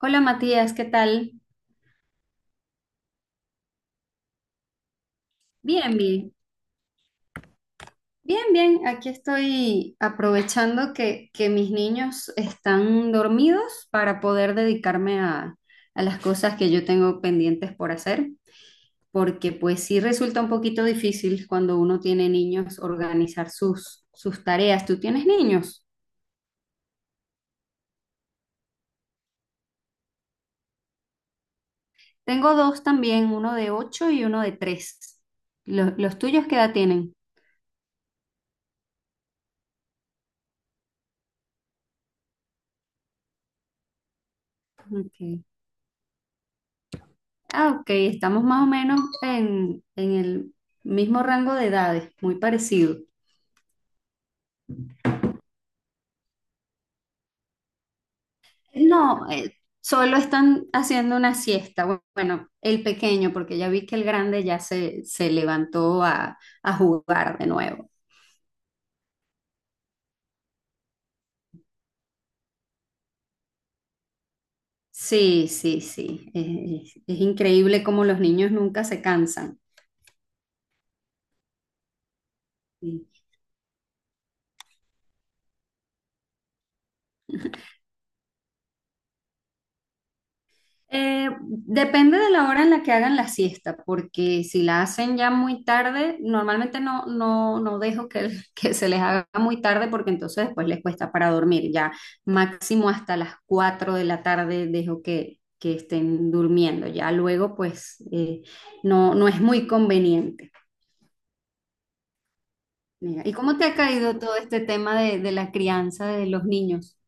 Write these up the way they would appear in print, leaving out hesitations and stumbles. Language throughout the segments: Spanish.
Hola Matías, ¿qué tal? Bien, bien, bien, bien. Aquí estoy aprovechando que mis niños están dormidos para poder dedicarme a las cosas que yo tengo pendientes por hacer, porque pues sí resulta un poquito difícil cuando uno tiene niños organizar sus tareas. ¿Tú tienes niños? Tengo dos también, uno de 8 y uno de 3. ¿Los tuyos, ¿qué edad tienen? Ok. Ah, ok, estamos más o menos en el mismo rango de edades, muy parecido. No, solo están haciendo una siesta. Bueno, el pequeño, porque ya vi que el grande ya se levantó a jugar de nuevo. Sí, sí, sí. Es increíble cómo los niños nunca se cansan. Sí. Depende de la hora en la que hagan la siesta, porque si la hacen ya muy tarde, normalmente no dejo que, que se les haga muy tarde porque entonces después les cuesta para dormir. Ya máximo hasta las 4 de la tarde dejo que estén durmiendo. Ya luego pues no es muy conveniente. Mira, ¿y cómo te ha caído todo este tema de la crianza de los niños?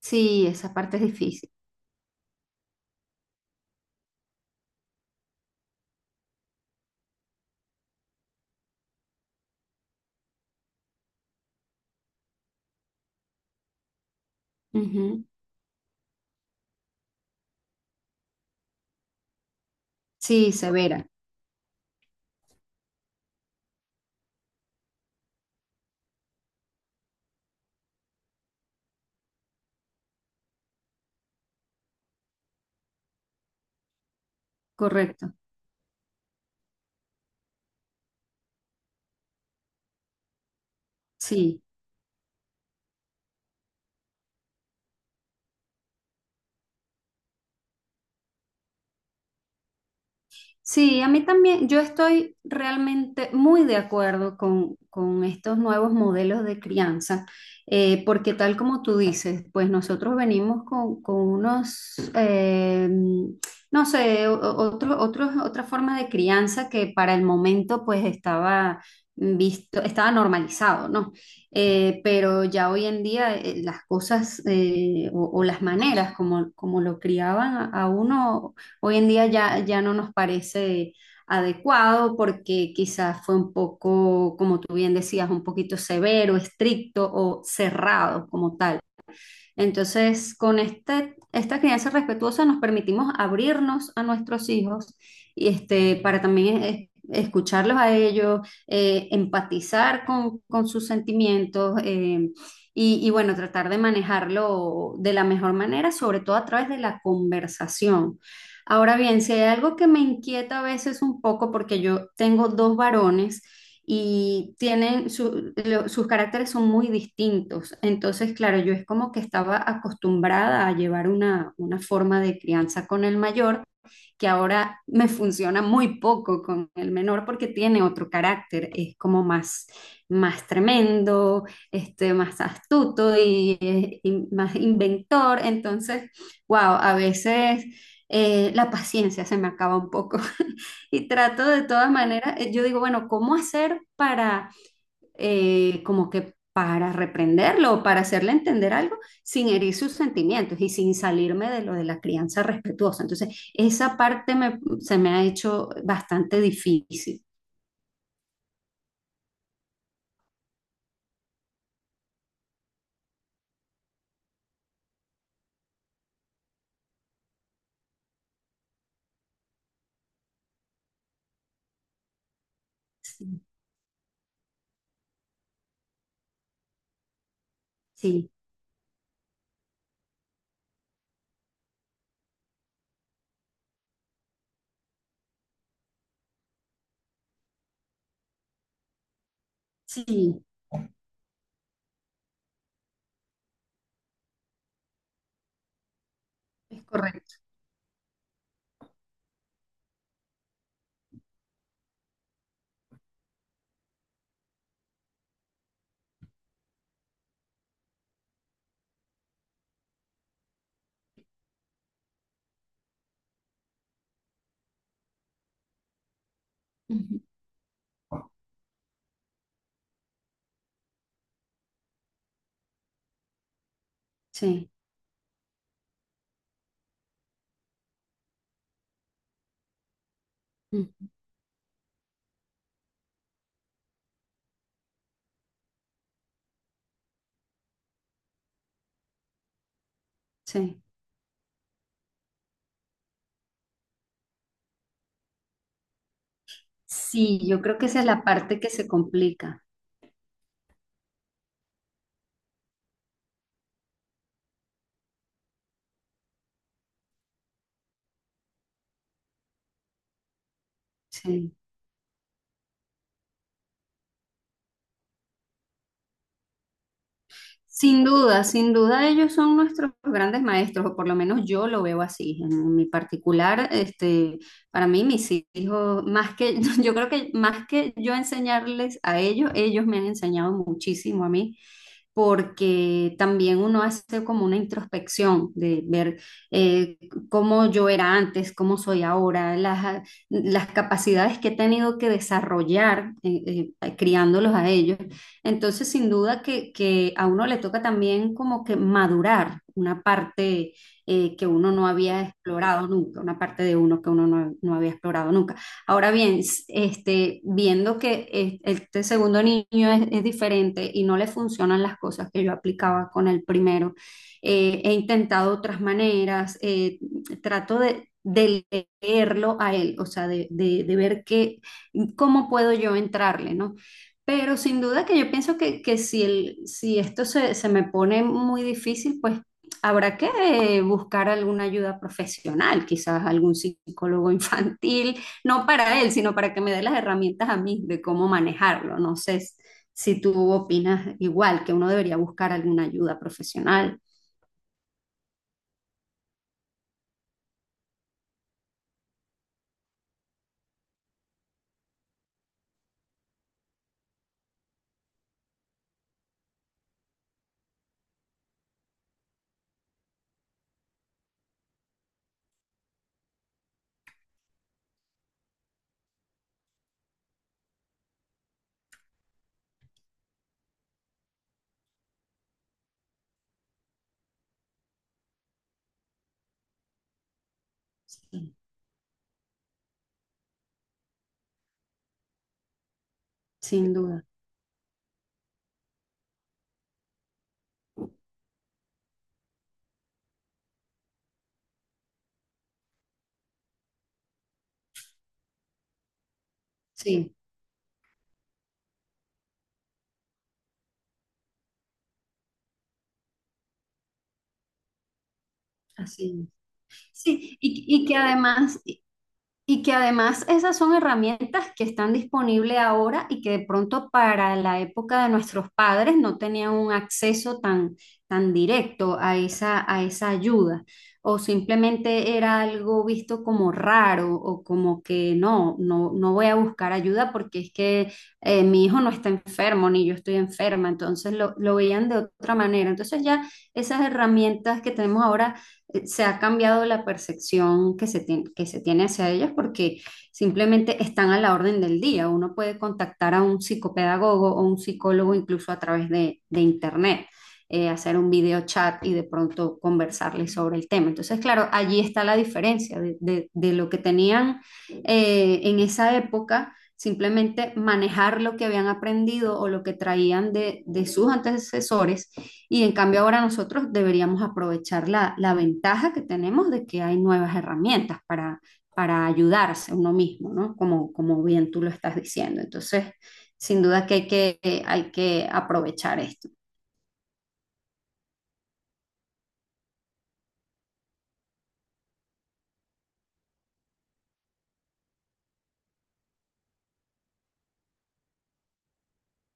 Sí, esa parte es difícil. Ujú. Sí, severa, correcto. Sí. Sí, a mí también, yo estoy realmente muy de acuerdo con estos nuevos modelos de crianza, porque tal como tú dices, pues nosotros venimos con unos, no sé, otra forma de crianza que para el momento pues estaba visto, estaba normalizado, ¿no? Pero ya hoy en día las cosas, o las maneras como lo criaban a uno. Hoy en día ya no nos parece adecuado porque quizás fue un poco, como tú bien decías, un poquito severo, estricto o cerrado como tal. Entonces, con esta crianza respetuosa nos permitimos abrirnos a nuestros hijos y para también escucharlos a ellos, empatizar con sus sentimientos, y bueno, tratar de manejarlo de la mejor manera, sobre todo a través de la conversación. Ahora bien, si hay algo que me inquieta a veces un poco, porque yo tengo dos varones, y tienen sus caracteres son muy distintos. Entonces, claro, yo es como que estaba acostumbrada a llevar una forma de crianza con el mayor, que ahora me funciona muy poco con el menor porque tiene otro carácter, es como más tremendo, más astuto y más inventor. Entonces, wow, a veces la paciencia se me acaba un poco, y trato de todas maneras, yo digo, bueno, ¿cómo hacer para como que para reprenderlo o para hacerle entender algo sin herir sus sentimientos y sin salirme de lo de la crianza respetuosa? Entonces, esa parte se me ha hecho bastante difícil. Sí, sí, sí, es correcto. Ujú. Sí, ujú, sí. Sí, yo creo que esa es la parte que se complica. Sí. Sin duda, sin duda ellos son nuestros grandes maestros, o por lo menos yo lo veo así. En mi particular, este, para mí mis hijos, más que, yo creo que más que yo enseñarles a ellos, ellos me han enseñado muchísimo a mí, porque también uno hace como una introspección de ver, eh, cómo yo era antes, cómo soy ahora, las capacidades que he tenido que desarrollar criándolos a ellos. Entonces, sin duda que a uno le toca también como que madurar una parte, que uno no había explorado nunca, una parte de uno que uno no había explorado nunca. Ahora bien, este, viendo que este segundo niño es diferente y no le funcionan las cosas que yo aplicaba con el primero, he intentado otras maneras, trato de leerlo a él, o sea, de ver qué, cómo puedo yo entrarle, ¿no? Pero sin duda que yo pienso que si, si esto se me pone muy difícil, pues habrá que buscar alguna ayuda profesional, quizás algún psicólogo infantil, no para él, sino para que me dé las herramientas a mí de cómo manejarlo. No sé si tú opinas igual, que uno debería buscar alguna ayuda profesional, sin duda. Sí, así es. Sí, y que además, y que además esas son herramientas que están disponibles ahora y que de pronto para la época de nuestros padres no tenían un acceso tan directo a esa ayuda. O simplemente era algo visto como raro o como que no voy a buscar ayuda porque es que, mi hijo no está enfermo ni yo estoy enferma. Entonces lo veían de otra manera. Entonces ya esas herramientas que tenemos ahora, se ha cambiado la percepción que se tiene hacia ellas, porque simplemente están a la orden del día. Uno puede contactar a un psicopedagogo o un psicólogo incluso a través de internet, hacer un video chat y de pronto conversarles sobre el tema. Entonces, claro, allí está la diferencia de lo que tenían en esa época. Simplemente manejar lo que habían aprendido o lo que traían de sus antecesores, y en cambio ahora nosotros deberíamos aprovechar la ventaja que tenemos de que hay nuevas herramientas para, ayudarse uno mismo, ¿no? Como bien tú lo estás diciendo. Entonces, sin duda que hay que aprovechar esto.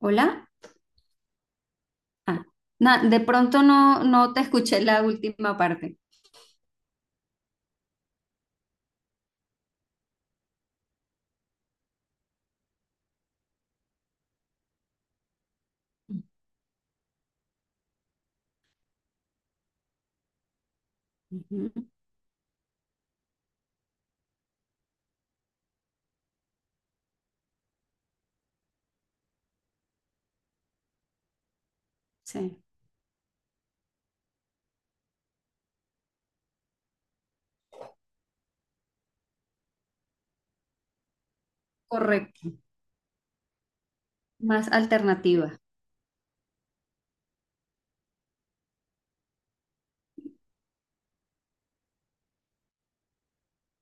¿Hola? Ah, de pronto no te escuché la última parte. Ujú. Sí, correcto. Más alternativas.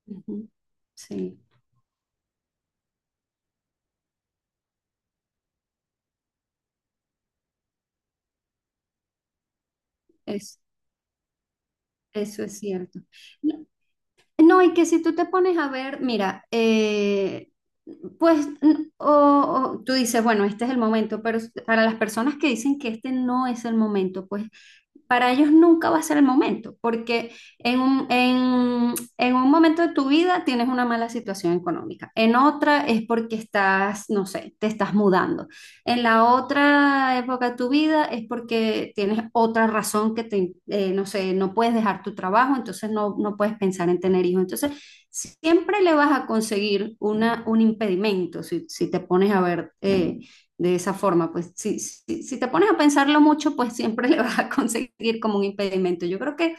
Ujú. Sí, es, eso es cierto. No, no, y que si tú te pones a ver, mira, pues o tú dices, bueno, este es el momento, pero para las personas que dicen que este no es el momento, pues para ellos nunca va a ser el momento, porque en un momento de tu vida tienes una mala situación económica, en otra es porque estás, no sé, te estás mudando, en la otra época de tu vida es porque tienes otra razón que no sé, no, puedes dejar tu trabajo, entonces no puedes pensar en tener hijos. Entonces, siempre le vas a conseguir un impedimento si te pones a ver, de esa forma. Pues si te pones a pensarlo mucho, pues siempre le vas a conseguir como un impedimento. Yo creo que,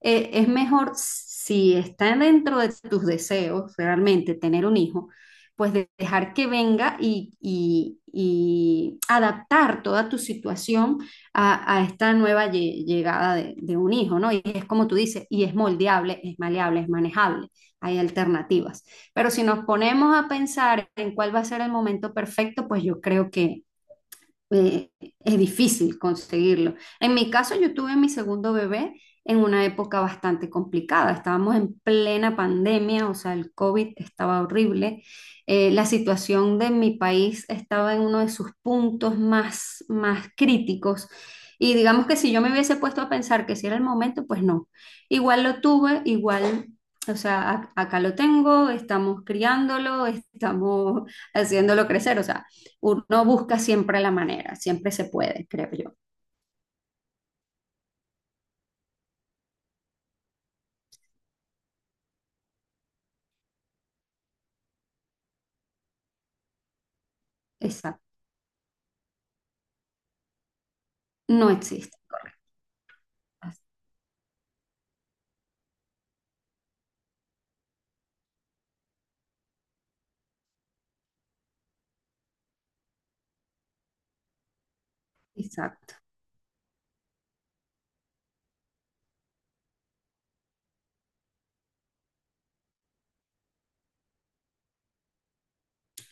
es mejor, si está dentro de tus deseos realmente tener un hijo, pues dejar que venga y, y adaptar toda tu situación a esta nueva llegada de un hijo, ¿no? Y es como tú dices, y es moldeable, es maleable, es manejable, hay alternativas. Pero si nos ponemos a pensar en cuál va a ser el momento perfecto, pues yo creo que, eh, es difícil conseguirlo. En mi caso, yo tuve mi segundo bebé en una época bastante complicada. Estábamos en plena pandemia, o sea, el COVID estaba horrible. La situación de mi país estaba en uno de sus puntos más críticos. Y digamos que si yo me hubiese puesto a pensar que si era el momento, pues no. Igual lo tuve, igual, o sea, acá lo tengo, estamos criándolo, estamos haciéndolo crecer. O sea, uno busca siempre la manera, siempre se puede, creo yo. Exacto. No existe. Exacto.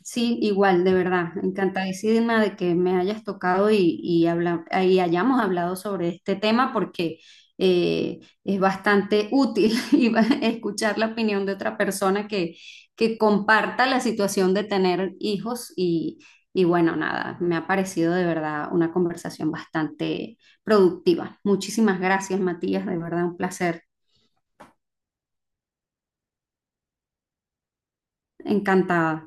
Sí, igual, de verdad, encantadísima de que me hayas tocado y hayamos hablado sobre este tema, porque es bastante útil, escuchar la opinión de otra persona que comparta la situación de tener hijos y bueno, nada, me ha parecido de verdad una conversación bastante productiva. Muchísimas gracias, Matías, de verdad un placer, encantada.